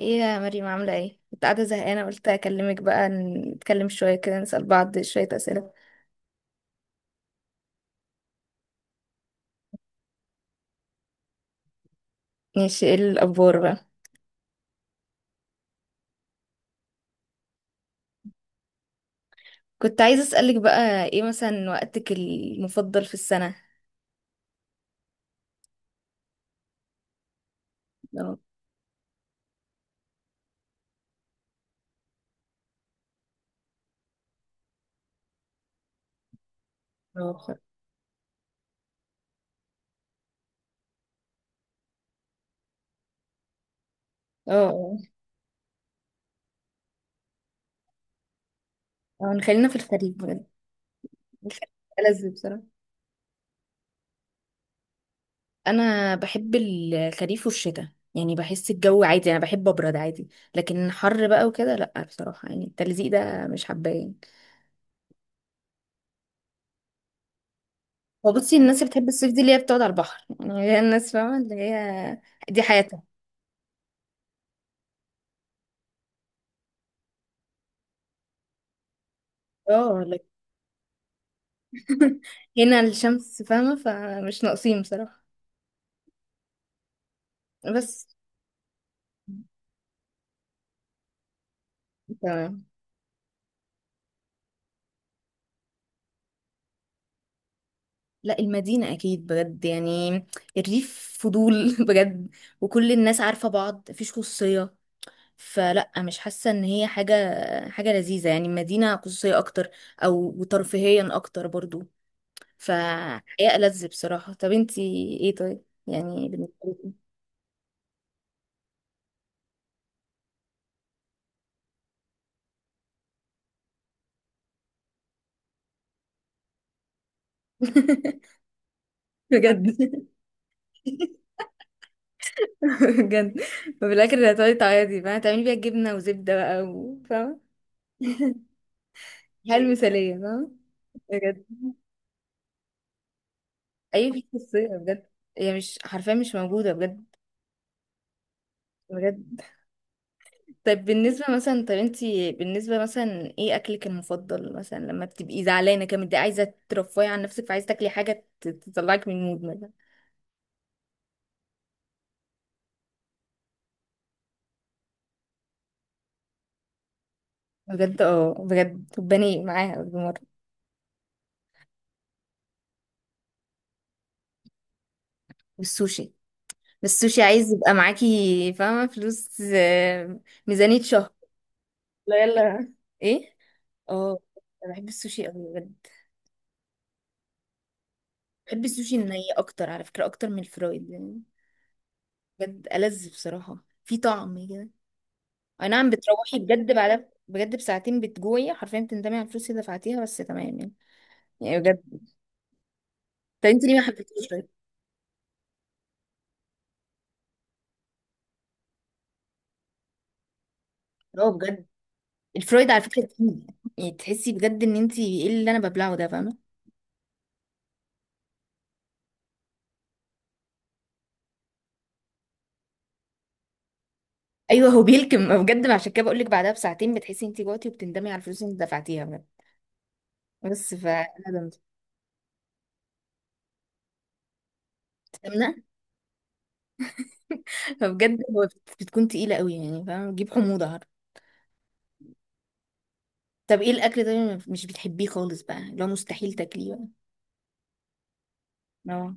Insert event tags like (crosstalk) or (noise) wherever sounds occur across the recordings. ايه يا مريم عاملة ايه؟ كنت قاعدة زهقانة قلت اكلمك بقى نتكلم شوية كده نسأل بعض شوية اسئلة. ماشي، ايه الاخبار بقى؟ كنت عايزة اسألك بقى ايه مثلا وقتك المفضل في السنة؟ اه، اه بصراحة. اه اه خلينا في الخريف بجد. الخريف ألذ بصراحة. انا بحب الخريف والشتاء، يعني بحس الجو عادي، انا بحب ابرد عادي، لكن حر بقى وكده لا بصراحة، يعني التلزيق ده مش حباه يعني. وبصي الناس اللي بتحب الصيف دي اللي هي بتقعد على البحر، يعني هي الناس فاهمة اللي هي دي حياتها. اه لك. (laughs) هنا الشمس فاهمة، فمش ناقصين بصراحة. بس تمام. لا المدينة أكيد بجد يعني. الريف فضول (laughs) بجد، وكل الناس عارفة بعض، مفيش خصوصية، فلا مش حاسة إن هي حاجة حاجة لذيذة. يعني المدينة خصوصية أكتر، أو وترفيهيا أكتر برضو، فحقيقة ألذ بصراحة. طب انتي ايه طيب يعني بالنسبة لك؟ (laughs) بجد. (laughs) (laughs) بجد. ففي الاخر هتقعدي تعيطي بقى، هتعملي بيها جبنه وزبده بقى و- فاهمه. الحياه المثاليه فاهمه. بجد اي في شخصيه بجد، هي مش حرفيا مش موجوده بجد. بجد. طيب بالنسبه مثلا، طب انتي بالنسبه مثلا ايه اكلك المفضل مثلا لما بتبقي زعلانه كده متضايقه عايزه ترفهي عن نفسك فعايزه تاكلي حاجه ت- تطلعك من المود مثلا؟ بجد اه بجد، وبني معاها بالمره. والسوشي، بس السوشي عايز يبقى معاكي فاهمه فلوس، ميزانيه شهر. لا يلا. ايه. اه. انا بحب السوشي قوي بجد. بحب السوشي الني اكتر على فكره اكتر من الفرايد يعني. بجد ألذ بصراحه، في طعم كده. اي نعم، بتروحي بجد بعد بجد بساعتين بتجوعي حرفيا بتندمي على الفلوس اللي دفعتيها، بس تمام يعني. يعني بجد. طب انت ليه ما حبيتيش طيب؟ اه بجد. الفرايد على فكره تقيل، يعني تحسي بجد ان انت ايه اللي انا ببلعه ده فاهمه. ايوه، هو بيلكم بجد، عشان كده بقول لك بعدها بساعتين بتحسي انت جوعتي وبتندمي على الفلوس اللي انت دفعتيها بجد. بس فانا دمت. فبجد هو بت- بتكون تقيلة قوي، يعني فاهمة بتجيب حموضة، عارف. طب ايه الأكل ده اللي مش بتحبيه خالص بقى، لو مستحيل تاكليه بقى؟ اه.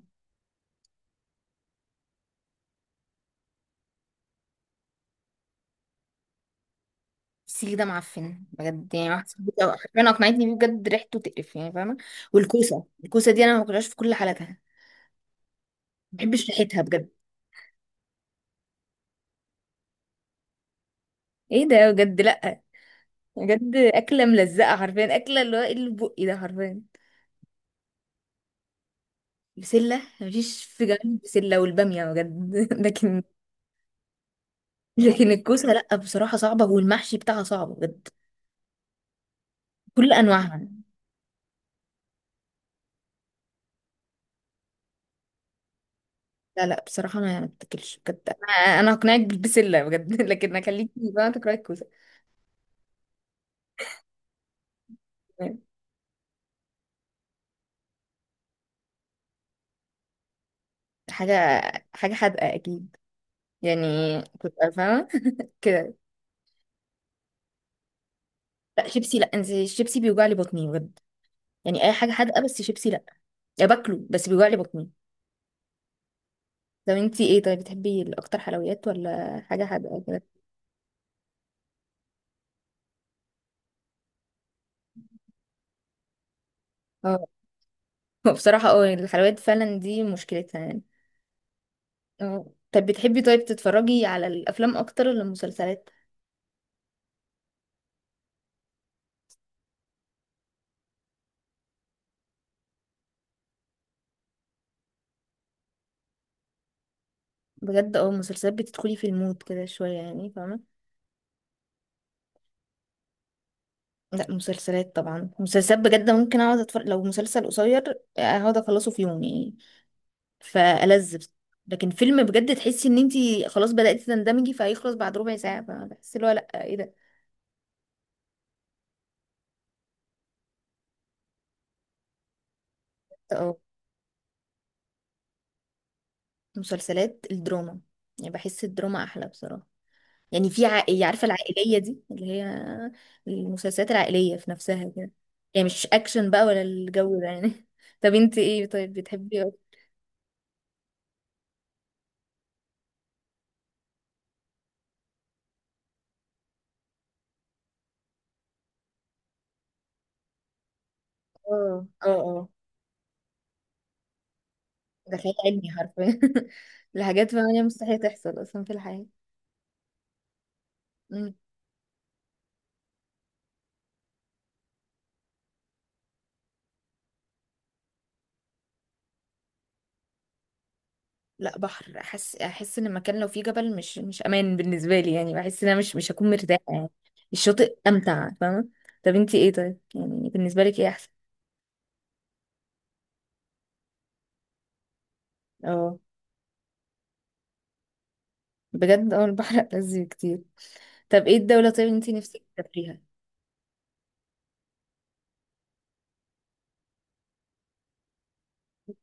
السيخ ده معفن بجد، يعني واحد صاحبتي أو- حرفيا اقنعتني بيه، بجد ريحته تقرف يعني، فاهمة. والكوسة، الكوسة دي أنا ما باكلهاش في كل حالاتها، ما بحبش ريحتها بجد. ايه ده بجد لأ. بجد أكلة ملزقة حرفيا، أكلة اللي هو ايه اللي في بقي ده حرفيا. بسلة مفيش، في جنب بسلة والبامية بجد (laughs) لكن. لكن الكوسة لأ بصراحة صعبة، والمحشي بتاعها صعب بجد، كل أنواعها. لا لا بصراحة أنا ما بتاكلش بجد. أنا هقنعك بالبسلة بجد (laughs) لكن أخليكي بقى تاكلي الكوسة. حاجة حاجة حادقة أكيد، يعني كنت فاهمة كده. لا شيبسي لا، أنت الشيبسي بيوجع لي بطني بجد، يعني أي حاجة حادقة بس شيبسي لا. يا باكله بس بيوجع لي بطني. طب أنت إيه طيب بتحبي الأكتر حلويات ولا حاجة حادقة كده؟ اه (laughs) بصراحة اه، الحلويات فعلا دي مشكلتها يعني. اه. طب بتحبي طيب تتفرجي على الأفلام أكتر ولا المسلسلات؟ بجد اه، المسلسلات بتدخلي في المود كده شوية، يعني فاهمة. لا مسلسلات طبعا، مسلسلات بجد ممكن اقعد اتفرج لو مسلسل قصير، اقعد اخلصه في يوم يعني، فألذ بس-. لكن فيلم بجد تحسي ان انتي خلاص بدأتي تندمجي فهيخلص بعد ربع ساعة، فبحس اللي هو لا، ايه ده. اه مسلسلات الدراما، يعني بحس الدراما احلى بصراحة، يعني في عائلة عارفة العائلية دي اللي هي المسلسلات العائلية في نفسها كده. يعني مش اكشن بقى ولا الجو ده يعني. (laughs) طب انتي ايه طيب بتحبي اه؟ اه اه. ده خيال علمي حرفيا. (laughs) لحاجات فعلا مستحيل تحصل اصلا في الحياة. مم. لا بحر. احس ان المكان لو فيه جبل مش امان بالنسبة لي، يعني بحس ان انا مش هكون مرتاحة يعني. الشاطئ امتع فاهمة. طب انتي ايه طيب يعني بالنسبة لك ايه احسن؟ اه بجد اه، البحر ألذ كتير. طب ايه الدولة طيب انتي نفسك تسافريها؟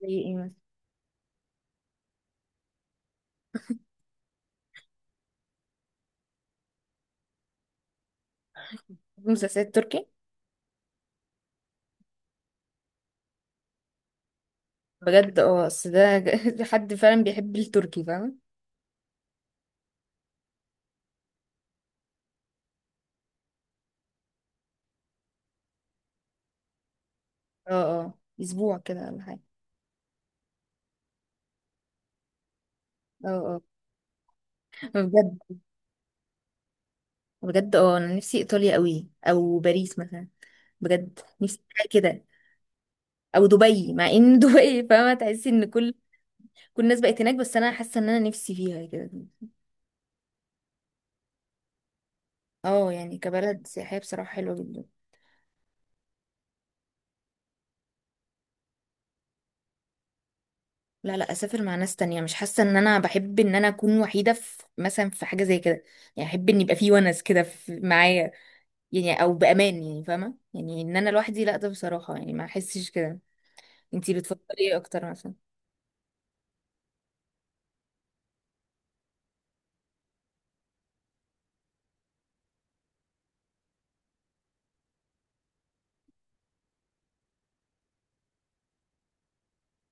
زي ايه مثلا؟ مسلسلات تركي. بجد اه، اصل ده (laughs) حد فعلا بيحب التركي، فاهمة. اه، اه اسبوع كده ولا حاجة؟ اه اه، بجد. بجد اه انا نفسي ايطاليا قوي او باريس مثلا، بجد نفسي حاجه كده. او دبي، مع ان (laughs) دبي فاهمه تحسي ان كل الناس بقت هناك، بس انا حاسه ان انا نفسي فيها كده. اه يعني كبلد سياحيه بصراحه حلوه جدا. لا لا اسافر مع ناس تانية، مش حاسه ان انا بحب ان انا اكون وحيده في مثلا في حاجه زي كده. يعني احب ان يبقى في ونس كده في- معايا، يعني او بامان يعني فاهمه، يعني ان انا لوحدي لا ده بصراحه يعني ما احسش كده. انتي بتفضلي ايه اكتر مثلا؟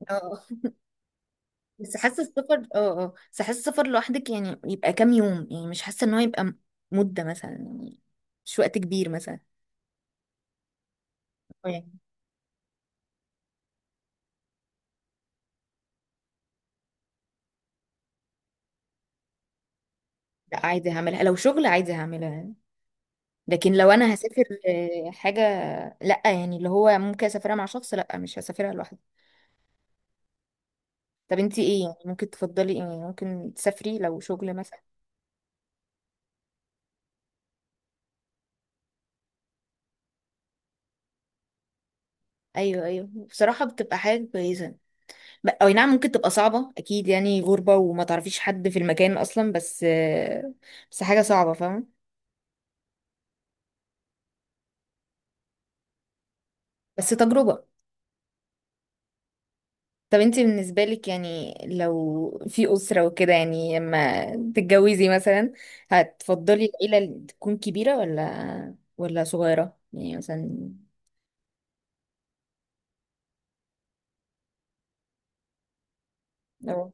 اه، بس حاسه السفر اه اه بس حاسه السفر لوحدك يعني يبقى كام يوم، يعني مش حاسه ان هو يبقى م- مده مثلا يعني، مش وقت كبير مثلا. أو يعني. لا عادي هعملها، لو شغل عادي هعملها، لكن لو انا هسافر حاجه. لا يعني اللي هو ممكن اسافرها مع شخص، لا مش هسافرها لوحدي. طب انتي ايه يعني ممكن تفضلي، ايه ممكن تسافري لو شغل مثلا؟ ايوه ايوه بصراحه بتبقى حاجه كويسه. ب- او نعم ممكن تبقى صعبه اكيد، يعني غربه وما تعرفيش حد في المكان اصلا، بس بس حاجه صعبه فاهمه. بس تجربة. طب انتي بالنسبة لك يعني لو في أسرة وكده، يعني لما تتجوزي مثلا هتفضلي العيلة اللي تكون كبيرة ولا صغيرة يعني مثلا؟ اه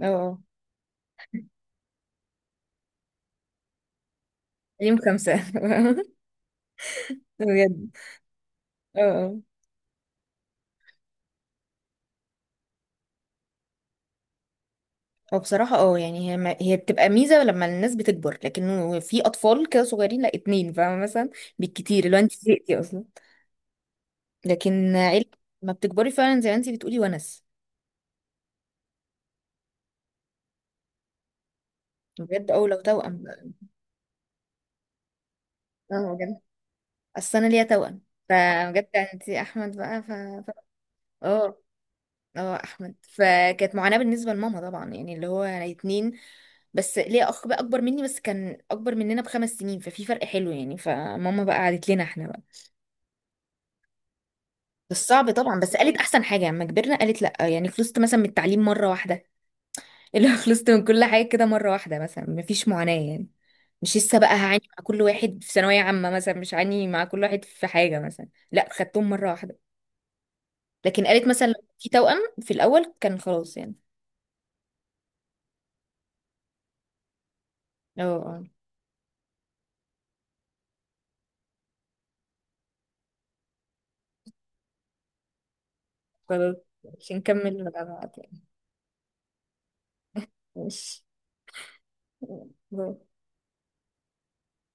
اه اه يوم خمسة (laughs) بجد. اه اه. هو بصراحة اه يعني هي ما هي بتبقى ميزة لما الناس بتكبر، لكن في أطفال كده صغيرين لا اتنين فاهمة مثلا، بالكتير اللي هو انت زهقتي أصلا. لكن عيلة ما بتكبري فعلا زي ما انت بتقولي ونس. بجد اه لو توأم بقى. اه بجد اصل انا ليا توأم، فبجد يعني انت احمد بقى ف. ف-. اه اه احمد، فكانت معاناة بالنسبة لماما طبعا، يعني اللي هو انا اتنين. بس ليا اخ بقى اكبر مني، بس كان اكبر مننا ب5 سنين، ففي فرق حلو يعني، فماما بقى قعدت لنا احنا بقى. بس صعب طبعا، بس قالت احسن حاجة لما كبرنا قالت لا، يعني خلصت مثلا من التعليم مرة واحدة (laughs) اللي هو خلصت من كل حاجة كده مرة واحدة مثلا، مفيش معاناة يعني، مش لسه بقى هعاني مع كل واحد في ثانوية عامة مثلا، مش هعاني مع كل واحد في حاجة مثلا، لا خدتهم مرة واحدة. لكن قالت مثلا لو في توأم في الأول كان خلاص يعني. اه خلاص مش نكمل مع بعض يعني؟ ماشي. باي.